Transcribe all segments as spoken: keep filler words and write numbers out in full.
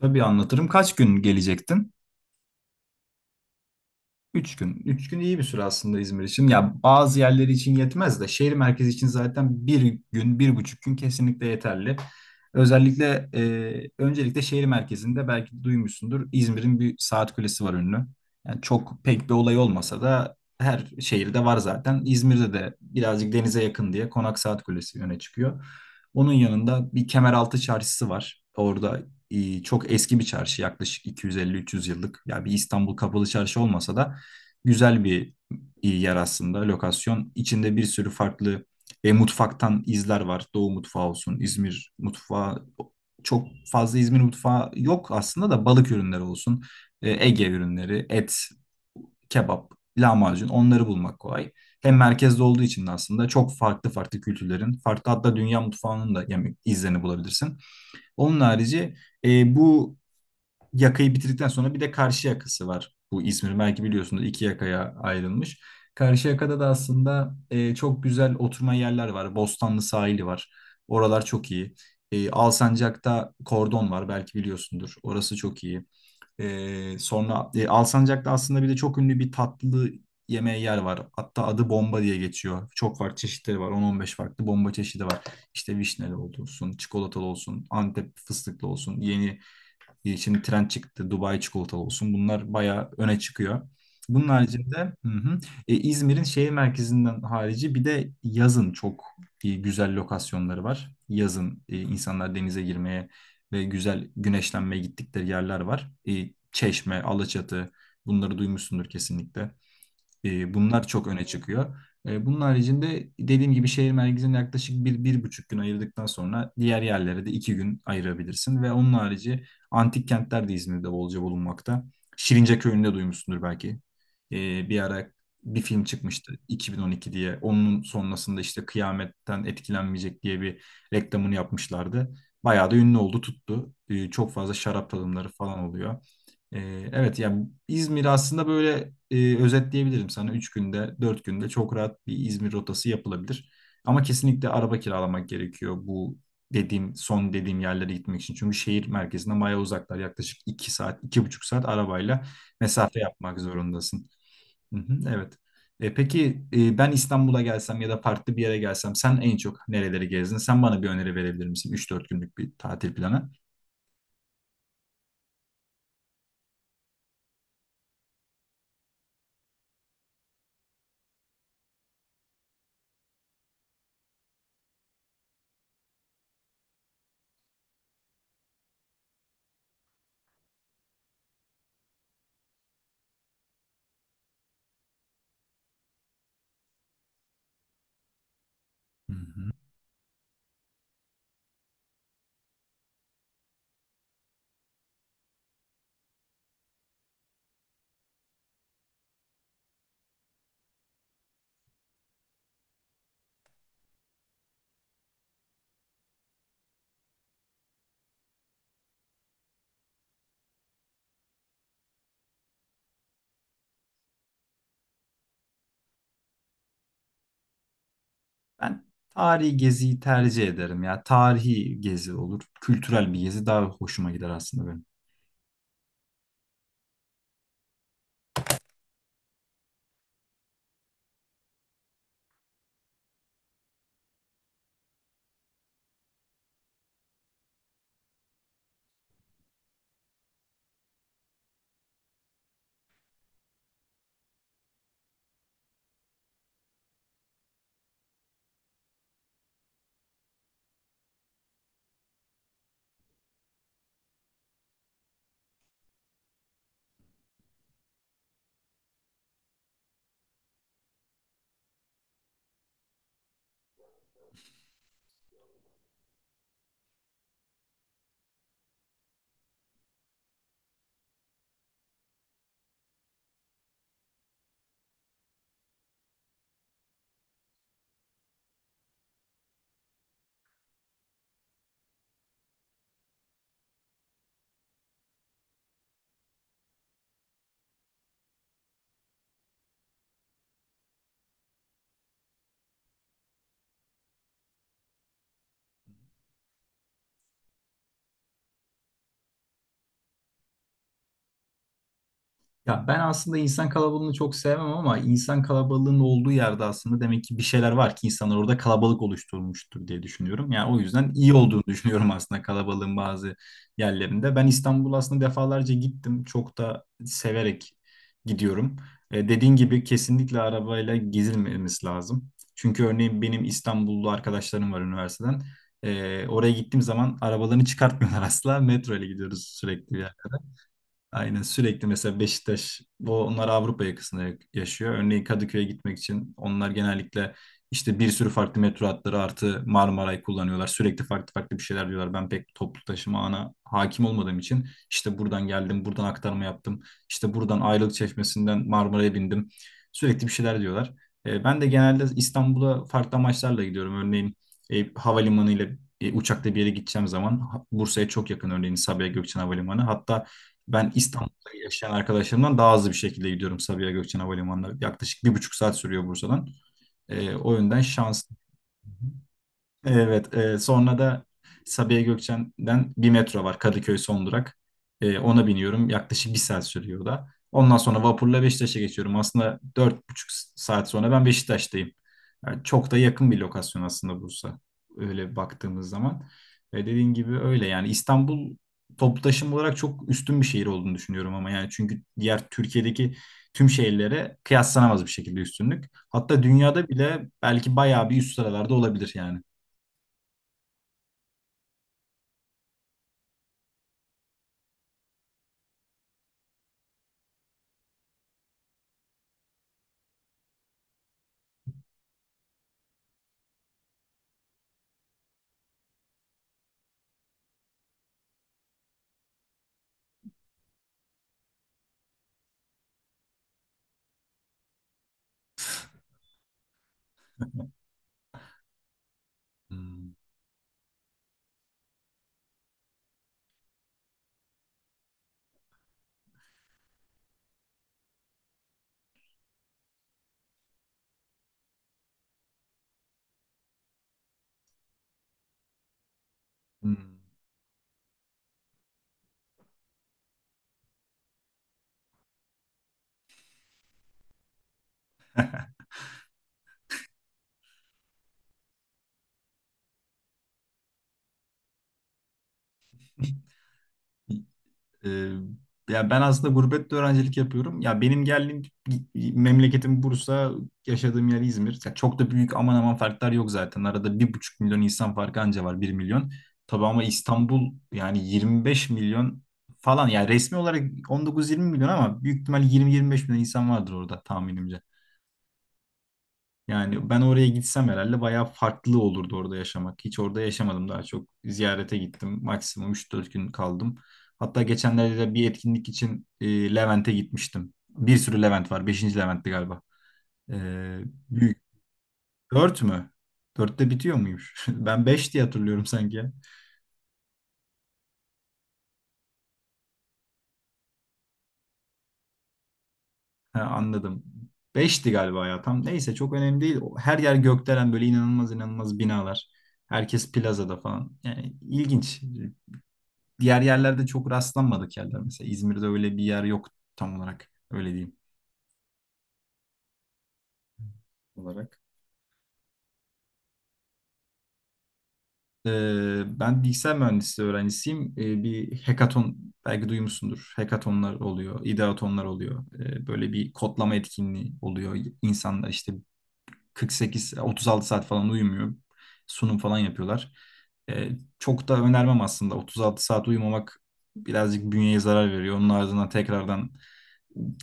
Tabii anlatırım. Kaç gün gelecektin? Üç gün. Üç gün iyi bir süre aslında İzmir için. Ya bazı yerleri için yetmez de şehir merkezi için zaten bir gün, bir buçuk gün kesinlikle yeterli. Özellikle e, öncelikle şehir merkezinde belki duymuşsundur İzmir'in bir saat kulesi var ünlü. Yani çok pek bir olay olmasa da her şehirde var zaten. İzmir'de de birazcık denize yakın diye Konak Saat Kulesi öne çıkıyor. Onun yanında bir Kemeraltı Çarşısı var. Orada e, çok eski bir çarşı, yaklaşık iki yüz elli üç yüz yıllık. Ya bir İstanbul Kapalı Çarşı olmasa da güzel bir yer aslında, lokasyon. İçinde bir sürü farklı e, mutfaktan izler var. Doğu mutfağı olsun, İzmir mutfağı. Çok fazla İzmir mutfağı yok aslında da balık ürünleri olsun. E, Ege ürünleri, et, kebap, lahmacun, onları bulmak kolay. Hem merkezde olduğu için de aslında çok farklı farklı kültürlerin, farklı hatta dünya mutfağının da yani izlerini bulabilirsin. Onun harici, e, bu yakayı bitirdikten sonra bir de karşı yakası var. Bu İzmir belki biliyorsunuz iki yakaya ayrılmış. Karşı yakada da aslında e, çok güzel oturma yerler var. Bostanlı sahili var. Oralar çok iyi. E, Alsancak'ta Kordon var belki biliyorsundur. Orası çok iyi. E, sonra e, Alsancak'ta aslında bir de çok ünlü bir tatlı yemeği yer var. Hatta adı bomba diye geçiyor. Çok farklı çeşitleri var. on on beş farklı bomba çeşidi var. İşte vişneli olsun, çikolatalı olsun, Antep fıstıklı olsun, yeni e, şimdi trend çıktı, Dubai çikolatalı olsun. Bunlar bayağı öne çıkıyor. Bunun haricinde. Hı hı. E, İzmir'in şehir merkezinden harici bir de yazın çok e, güzel lokasyonları var. Yazın e, insanlar denize girmeye ve güzel güneşlenmeye gittikleri yerler var. E, Çeşme, Alaçatı, bunları duymuşsundur kesinlikle. E, bunlar çok öne çıkıyor. E, bunun haricinde dediğim gibi şehir merkezine yaklaşık bir, bir buçuk gün ayırdıktan sonra diğer yerlere de iki gün ayırabilirsin. Ve onun harici antik kentler de İzmir'de bolca bulunmakta. Şirince Köyü'nde duymuşsundur belki. E, bir ara bir film çıkmıştı, iki bin on iki diye. Onun sonrasında işte kıyametten etkilenmeyecek diye bir reklamını yapmışlardı. Bayağı da ünlü oldu, tuttu. E, çok fazla şarap tadımları falan oluyor. Ee, evet, yani İzmir aslında böyle, e, özetleyebilirim sana. Üç günde, dört günde çok rahat bir İzmir rotası yapılabilir. Ama kesinlikle araba kiralamak gerekiyor bu dediğim, son dediğim yerlere gitmek için. Çünkü şehir merkezinden bayağı uzaklar. Yaklaşık iki saat, iki buçuk saat arabayla mesafe yapmak zorundasın. Hı hı, evet. E, peki, e, ben İstanbul'a gelsem ya da farklı bir yere gelsem sen en çok nereleri gezdin? Sen bana bir öneri verebilir misin? Üç dört günlük bir tatil planı. Hı hı. Ben tarihi geziyi tercih ederim ya. Tarihi gezi olur. Kültürel bir gezi daha hoşuma gider aslında benim. Ya ben aslında insan kalabalığını çok sevmem ama insan kalabalığının olduğu yerde aslında demek ki bir şeyler var ki insanlar orada kalabalık oluşturmuştur diye düşünüyorum. Yani o yüzden iyi olduğunu düşünüyorum aslında kalabalığın bazı yerlerinde. Ben İstanbul aslında defalarca gittim. Çok da severek gidiyorum. E, dediğin gibi kesinlikle arabayla gezilmemesi lazım. Çünkü örneğin benim İstanbullu arkadaşlarım var üniversiteden. E, oraya gittiğim zaman arabalarını çıkartmıyorlar asla. Metro ile gidiyoruz sürekli. Aynen, sürekli mesela Beşiktaş, bu onlar Avrupa yakasında yaşıyor. Örneğin Kadıköy'e gitmek için onlar genellikle işte bir sürü farklı metro hatları artı Marmaray kullanıyorlar. Sürekli farklı farklı bir şeyler diyorlar. Ben pek toplu taşıma ana hakim olmadığım için işte buradan geldim, buradan aktarma yaptım. İşte buradan Ayrılık Çeşmesi'nden Marmaray'a bindim. Sürekli bir şeyler diyorlar. E, ben de genelde İstanbul'a farklı amaçlarla gidiyorum. Örneğin e, havalimanı ile e, uçakla bir yere gideceğim zaman ha- Bursa'ya çok yakın örneğin Sabiha Gökçen Havalimanı. Hatta ben İstanbul'da yaşayan arkadaşlarımdan daha hızlı bir şekilde gidiyorum Sabiha Gökçen Havalimanı'na. Yaklaşık bir buçuk saat sürüyor Bursa'dan. Ee, o yönden şans... Evet, e, sonra da Sabiha Gökçen'den bir metro var, Kadıköy son durak. E, ona biniyorum. Yaklaşık bir saat sürüyor o da. Ondan sonra vapurla Beşiktaş'a geçiyorum. Aslında dört buçuk saat sonra ben Beşiktaş'tayım. Yani çok da yakın bir lokasyon aslında Bursa, öyle baktığımız zaman. Ve dediğin gibi öyle yani, İstanbul toplu taşıma olarak çok üstün bir şehir olduğunu düşünüyorum ama yani çünkü diğer Türkiye'deki tüm şehirlere kıyaslanamaz bir şekilde üstünlük. Hatta dünyada bile belki bayağı bir üst sıralarda olabilir yani. Hmm. Hmm. Ee, ya ben aslında gurbette öğrencilik yapıyorum. Ya benim geldiğim memleketim Bursa, yaşadığım yer İzmir. Ya çok da büyük aman aman farklar yok zaten. Arada bir buçuk milyon insan farkı anca var, bir milyon. Tabii ama İstanbul yani yirmi beş milyon falan. Yani resmi olarak on dokuzdan yirmiye milyon ama büyük ihtimal yirmi yirmi beş milyon insan vardır orada tahminimce. Yani ben oraya gitsem herhalde bayağı farklı olurdu orada yaşamak. Hiç orada yaşamadım daha çok. Ziyarete gittim. Maksimum üç dört gün kaldım. Hatta geçenlerde de bir etkinlik için e, Levent'e gitmiştim. Bir sürü Levent var. Beşinci Levent'ti galiba. E, büyük. Dört mü? Dörtte bitiyor muymuş? Ben beş diye hatırlıyorum sanki, ya. Ha, anladım. Beşti galiba ya. Tam neyse çok önemli değil. Her yer gökdelen, böyle inanılmaz inanılmaz binalar. Herkes plazada falan. Yani ilginç. Diğer yerlerde çok rastlanmadık yerler. Mesela İzmir'de öyle bir yer yok tam olarak. Öyle diyeyim olarak. Ee, ben bilgisayar mühendisliği öğrencisiyim. Ee, bir hackathon belki duymuşsundur. Hackathonlar oluyor, ideatonlar oluyor. Ee, böyle bir kodlama etkinliği oluyor. İnsanlar işte kırk sekiz otuz altı saat falan uyumuyor. Sunum falan yapıyorlar. Ee, çok da önermem aslında. otuz altı saat uyumamak birazcık bünyeye zarar veriyor. Onun ardından tekrardan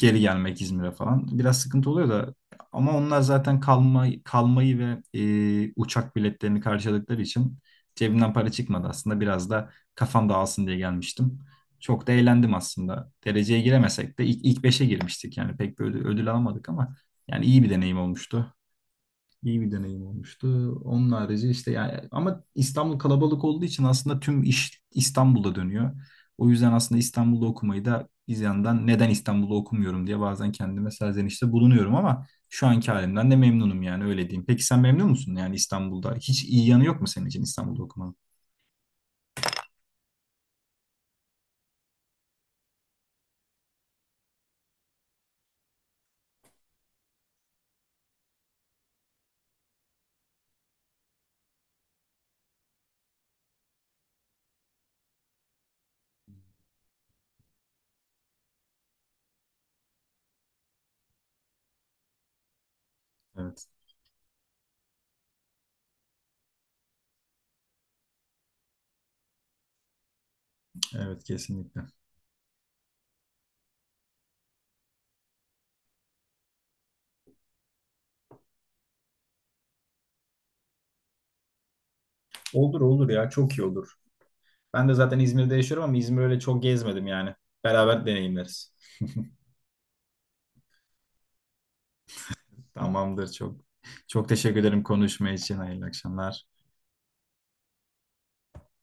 geri gelmek İzmir'e falan biraz sıkıntı oluyor da, ama onlar zaten kalma, kalmayı ve e, uçak biletlerini karşıladıkları için cebimden para çıkmadı, aslında biraz da kafam dağılsın diye gelmiştim. Çok da eğlendim aslında. Dereceye giremesek de ilk, ilk beşe girmiştik, yani pek bir ödül alamadık ama yani iyi bir deneyim olmuştu. İyi bir deneyim olmuştu. Onun harici işte, yani ama İstanbul kalabalık olduğu için aslında tüm iş İstanbul'da dönüyor. O yüzden aslında İstanbul'da okumayı da bir yandan, neden İstanbul'da okumuyorum diye bazen kendime serzenişte bulunuyorum ama şu anki halimden de memnunum yani, öyle diyeyim. Peki sen memnun musun yani İstanbul'da? Hiç iyi yanı yok mu senin için İstanbul'da okumanın? Evet, evet kesinlikle. Olur olur ya, çok iyi olur. Ben de zaten İzmir'de yaşıyorum ama İzmir'i öyle çok gezmedim yani. Beraber deneyimleriz. Tamamdır, çok. Çok teşekkür ederim konuşma için. Hayırlı akşamlar.